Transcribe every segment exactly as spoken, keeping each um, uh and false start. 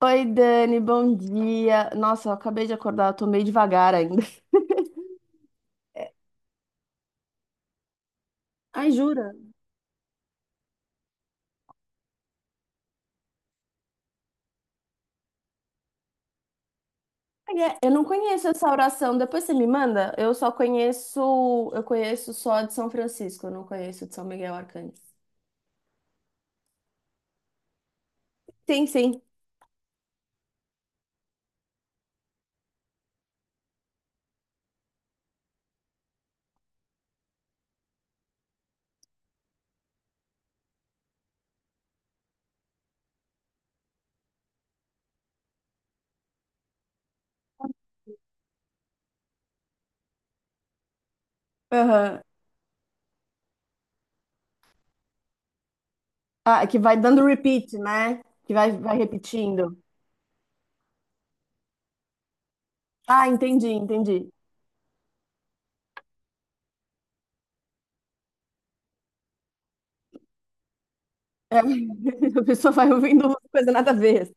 Oi, Dani, bom dia. Nossa, eu acabei de acordar, eu tô meio devagar ainda. Ai, jura? Ai, é, eu não conheço essa oração, depois você me manda? Eu só conheço, eu conheço só a de São Francisco, eu não conheço a de São Miguel Arcanjo. Sim, sim. Aham. Ah, que vai dando repeat, né? Que vai, vai repetindo. Ah, entendi, entendi. É, a pessoa vai ouvindo uma coisa nada a ver.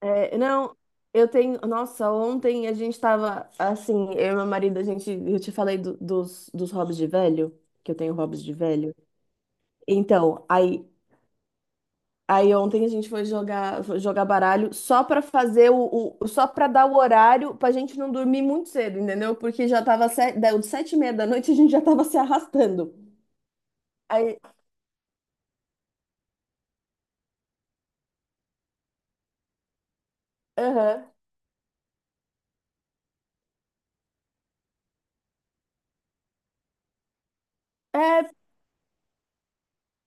É, não, eu tenho. Nossa, ontem a gente tava assim, eu e meu marido, a gente. Eu te falei do- dos, dos hobbies de velho, que eu tenho hobbies de velho. Então, aí, aí ontem a gente foi jogar, foi jogar baralho só pra fazer o, o- Só pra dar o horário pra gente não dormir muito cedo, entendeu? Porque já tava sete, deu sete e meia da noite, a gente já tava se arrastando. Aí, aham. É,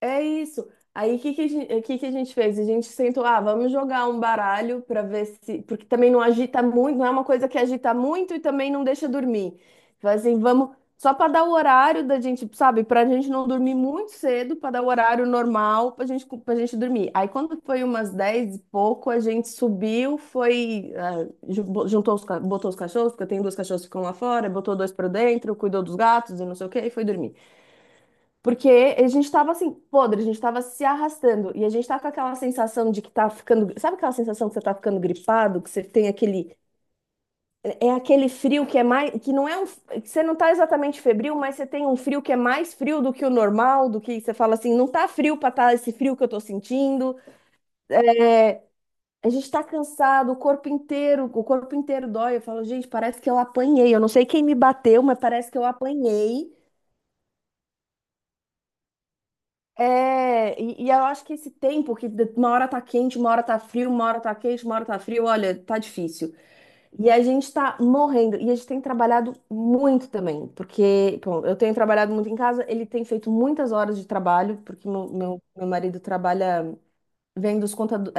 É isso. Aí o que que a gente, o que que a gente fez? A gente sentou, ah, vamos jogar um baralho para ver se. Porque também não agita muito, não é uma coisa que agita muito e também não deixa dormir. Então, assim, vamos. Só para dar o horário da gente, sabe? Para a gente não dormir muito cedo, para dar o horário normal para gente, para gente dormir. Aí quando foi umas dez e pouco, a gente subiu, foi, ah, ju- juntou os, ca- botou os cachorros, porque eu tenho dois cachorros que ficam lá fora, botou dois para dentro, cuidou dos gatos e não sei o quê, e foi dormir. Porque a gente tava assim, podre, a gente tava se arrastando. E a gente tá com aquela sensação de que tá ficando. Sabe aquela sensação que você tá ficando gripado? Que você tem aquele. É aquele frio que é mais. Que não é um. Que você não tá exatamente febril, mas você tem um frio que é mais frio do que o normal, do que você fala assim, não tá frio pra tá esse frio que eu tô sentindo. A gente tá cansado, o corpo inteiro, o corpo inteiro dói. Eu falo, gente, parece que eu apanhei. Eu não sei quem me bateu, mas parece que eu apanhei. É, e, e eu acho que esse tempo que de- uma hora tá quente, uma hora tá frio, uma hora tá quente, uma hora tá frio, olha, tá difícil. E a gente tá morrendo. E a gente tem trabalhado muito também, porque, bom, eu tenho trabalhado muito em casa, ele tem feito muitas horas de trabalho, porque meu, meu, meu marido trabalha vendo os contadores.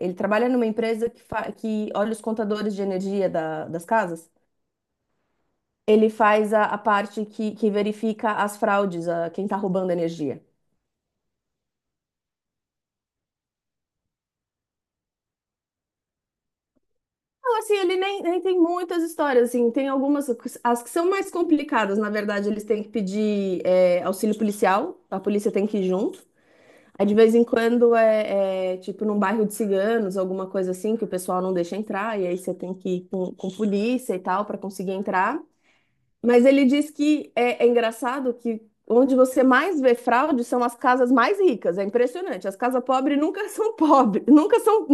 Ele trabalha numa empresa que, fa- que olha os contadores de energia da- das casas. Ele faz a, a parte que, que verifica as fraudes, a, quem tá roubando energia. Não, assim, ele nem, nem tem muitas histórias, assim, tem algumas, as que são mais complicadas, na verdade, eles têm que pedir é, auxílio policial, a polícia tem que ir junto. Aí, de vez em quando, é, é, tipo num bairro de ciganos, alguma coisa assim, que o pessoal não deixa entrar, e aí você tem que ir com, com polícia e tal, para conseguir entrar. Mas ele diz que é, é engraçado que onde você mais vê fraude são as casas mais ricas. É impressionante. As casas pobres nunca são pobres, nunca são.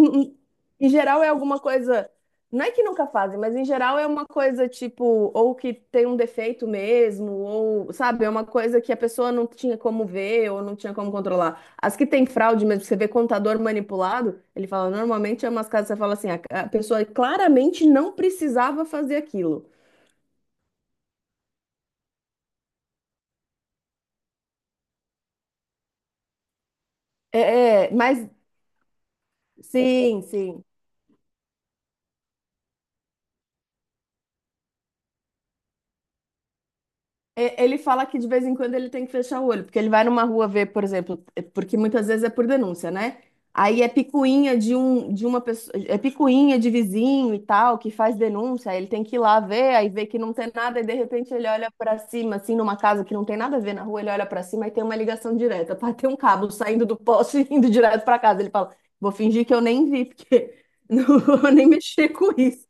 Em geral é alguma coisa. Não é que nunca fazem, mas em geral é uma coisa tipo, ou que tem um defeito mesmo, ou, sabe, é uma coisa que a pessoa não tinha como ver ou não tinha como controlar. As que tem fraude mesmo, você vê contador manipulado, ele fala, normalmente é umas casas, que você fala assim, a a pessoa claramente não precisava fazer aquilo. É, é, mas. Sim, sim. E- Ele fala que de vez em quando ele tem que fechar o olho, porque ele vai numa rua ver, por exemplo, é porque muitas vezes é por denúncia, né? Aí é picuinha de um, de uma pessoa, é picuinha de vizinho e tal, que faz denúncia, aí ele tem que ir lá ver, aí vê que não tem nada, e de repente ele olha pra cima, assim, numa casa que não tem nada a ver na rua, ele olha pra cima e tem uma ligação direta, pá, tem um cabo saindo do poste e indo direto pra casa. Ele fala, vou fingir que eu nem vi, porque não vou nem mexer com isso.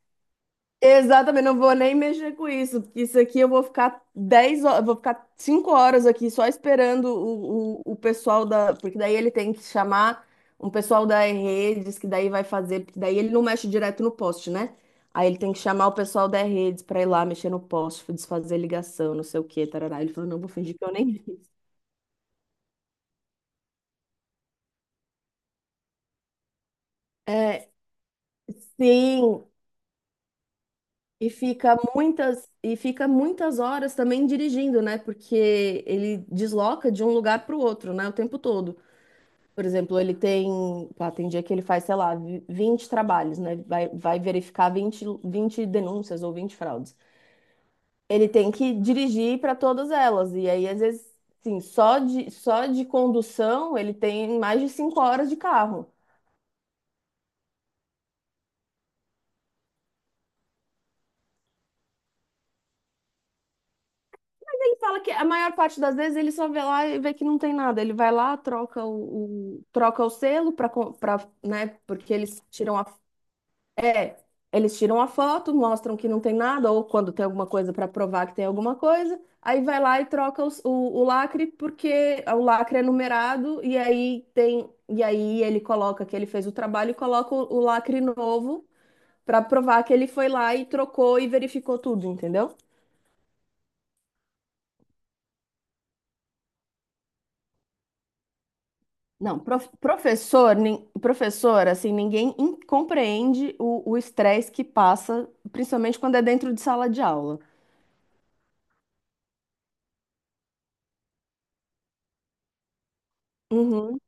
Exatamente, não vou nem mexer com isso, porque isso aqui eu vou ficar dez horas, vou ficar cinco horas aqui só esperando o, o, o pessoal da. Porque daí ele tem que chamar um pessoal da redes, que daí vai fazer, porque daí ele não mexe direto no poste, né? Aí ele tem que chamar o pessoal da redes pra ir lá mexer no poste, desfazer ligação, não sei o quê, tarará. Ele falou, não, vou fingir que eu nem vi. É, sim, e fica muitas e fica muitas horas também dirigindo, né? Porque ele desloca de um lugar para o outro, né? O tempo todo. Por exemplo, ele tem, pá, tem dia que ele faz, sei lá, vi- vinte trabalhos, né? Vai, vai verificar vinte vinte denúncias ou vinte fraudes. Ele tem que dirigir para todas elas. E aí, às vezes, sim, só de, só de condução ele tem mais de cinco horas de carro. Ele fala que a maior parte das vezes ele só vê lá e vê que não tem nada. Ele vai lá, troca o, o- troca o selo para, né? Porque eles tiram a. É, eles tiram a foto, mostram que não tem nada, ou quando tem alguma coisa para provar que tem alguma coisa, aí vai lá e troca os- o, o lacre, porque o lacre é numerado, e aí tem, e aí ele coloca que ele fez o trabalho e coloca o, o lacre novo para provar que ele foi lá e trocou e verificou tudo, entendeu? Não, prof- professor, nin- professor, assim, ninguém in- compreende o o estresse que passa, principalmente quando é dentro de sala de aula. Uhum.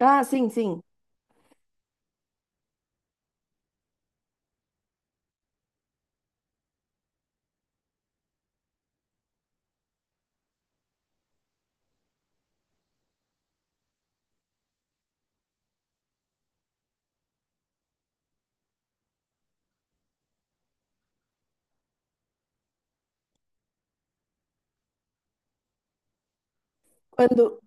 Ah, sim, sim. Quando,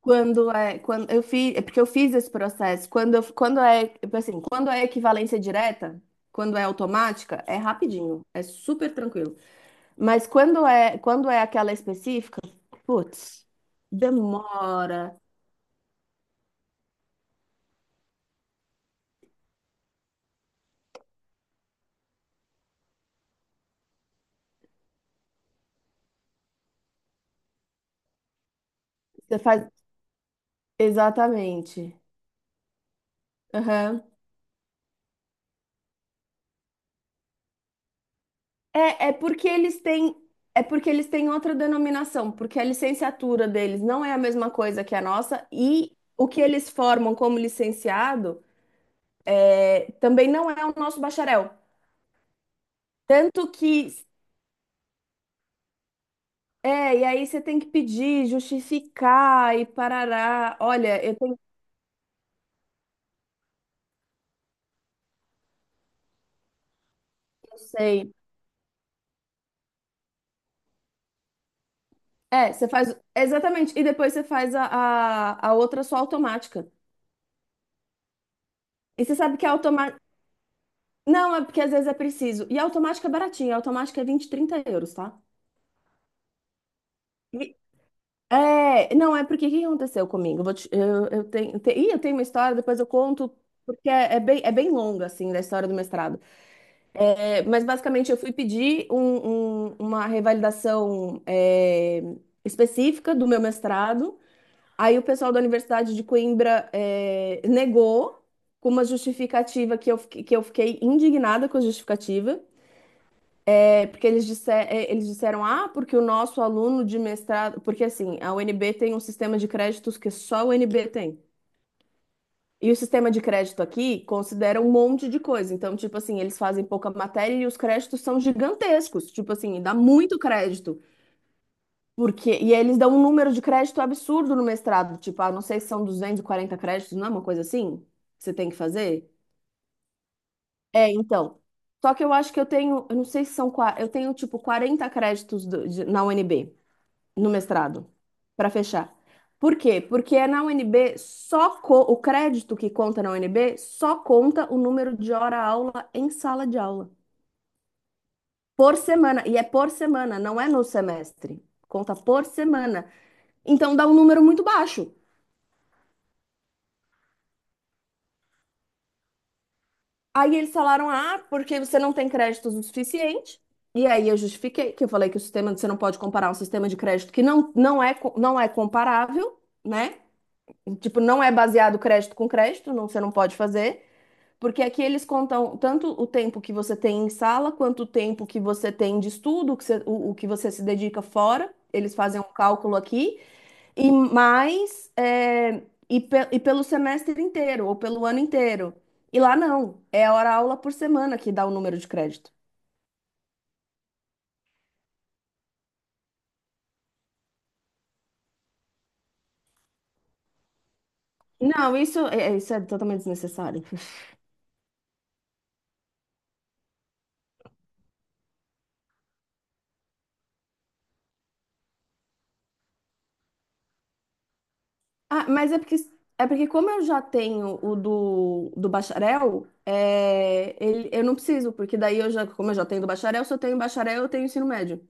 Quando é, quando eu fiz, é porque eu fiz esse processo. Quando, eu- quando é, assim, quando é equivalência direta, quando é automática, é rapidinho, é super tranquilo. Mas quando é, quando é aquela específica, putz, demora. Você faz exatamente. Aham. É, é porque eles têm, é porque eles têm outra denominação, porque a licenciatura deles não é a mesma coisa que a nossa e o que eles formam como licenciado é também não é o nosso bacharel. Tanto que, é, e aí você tem que pedir, justificar e parará. Olha, eu tenho, eu sei. É, você faz, exatamente, e depois você faz a, a, a outra só automática. E você sabe que a automática, não, é porque às vezes é preciso. E a automática é baratinha, a automática é vinte, trinta euros, tá? E- É, não, é porque o que aconteceu comigo? Eu, vou te- eu, eu tenho, te- ih, eu tenho uma história, depois eu conto, porque é, é bem, é bem longa, assim, da história do mestrado. É, mas basicamente eu fui pedir um- um- uma revalidação é, específica do meu mestrado. Aí o pessoal da Universidade de Coimbra é, negou com uma justificativa que eu, fiquei- que eu fiquei indignada com a justificativa. É, porque eles, disse- é, eles disseram, ah, porque o nosso aluno de mestrado. Porque assim, a U N B tem um sistema de créditos que só a U N B tem. E o sistema de crédito aqui considera um monte de coisa. Então, tipo assim, eles fazem pouca matéria e os créditos são gigantescos. Tipo assim, dá muito crédito. Porque... E eles dão um número de crédito absurdo no mestrado. Tipo, ah, não sei se são duzentos e quarenta créditos, não é uma coisa assim? Que você tem que fazer? É, então. Só que eu acho que eu tenho, eu não sei se são, qua- eu tenho tipo quarenta créditos do- de- na U N B no mestrado, para fechar. Por quê? Porque é na U N B só co- o crédito que conta na U N B só conta o número de hora-aula em sala de aula por semana e é por semana, não é no semestre. Conta por semana. Então dá um número muito baixo. Aí eles falaram: "Ah, porque você não tem créditos o suficiente". E aí eu justifiquei que eu falei que o sistema você não pode comparar um sistema de crédito que não, não é co- não é comparável, né? Tipo, não é baseado crédito com crédito, não, você não pode fazer. Porque aqui eles contam tanto o tempo que você tem em sala, quanto o tempo que você tem de estudo, o que você, o- o que você se dedica fora. Eles fazem um cálculo aqui, e mais, é, e, pe- e pelo semestre inteiro, ou pelo ano inteiro. E lá não, é hora aula por semana que dá o número de crédito. Não, isso é, isso é totalmente desnecessário. Ah, mas é porque, é porque como eu já tenho o do, do bacharel, é, ele, eu não preciso, porque daí eu já, como eu já tenho do bacharel, se eu tenho bacharel, eu tenho ensino médio.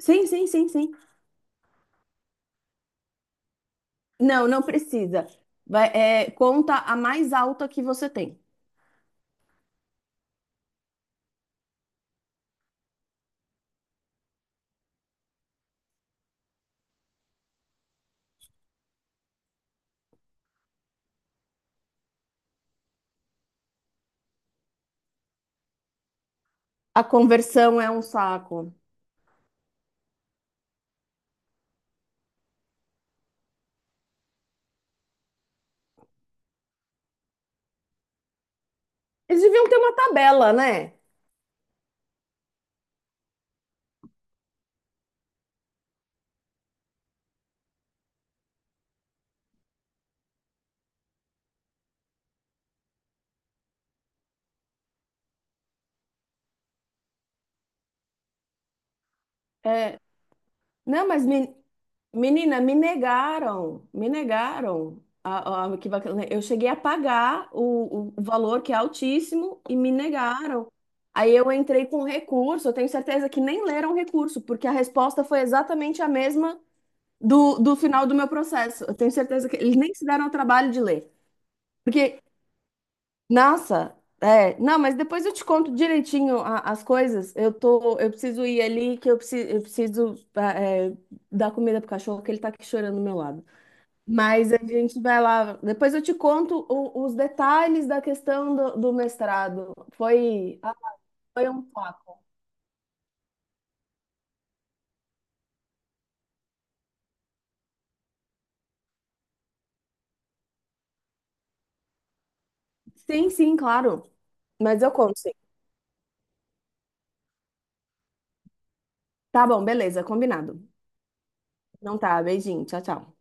Sim, sim, sim, sim. Não, não precisa. Vai, é, conta a mais alta que você tem. A conversão é um saco. Eles deviam ter uma tabela, né? É, não, mas me- menina, me negaram, me negaram. a- a- que vac- Eu cheguei a pagar o, o valor que é altíssimo e me negaram. Aí eu entrei com recurso, eu tenho certeza que nem leram o recurso, porque a resposta foi exatamente a mesma do, do final do meu processo. Eu tenho certeza que eles nem se deram o trabalho de ler. Porque nossa, é, não, mas depois eu te conto direitinho a- as coisas. Eu tô, eu preciso ir ali, que eu preciso, eu preciso ah, é, dar comida pro cachorro, que ele tá aqui chorando do meu lado. Mas a gente vai lá. Depois eu te conto o- os detalhes da questão do, do mestrado. Foi, ah, foi um papo. Sim, sim, claro. Mas eu conto, sim. Tá bom, beleza, combinado. Não tá, beijinho, tchau, tchau.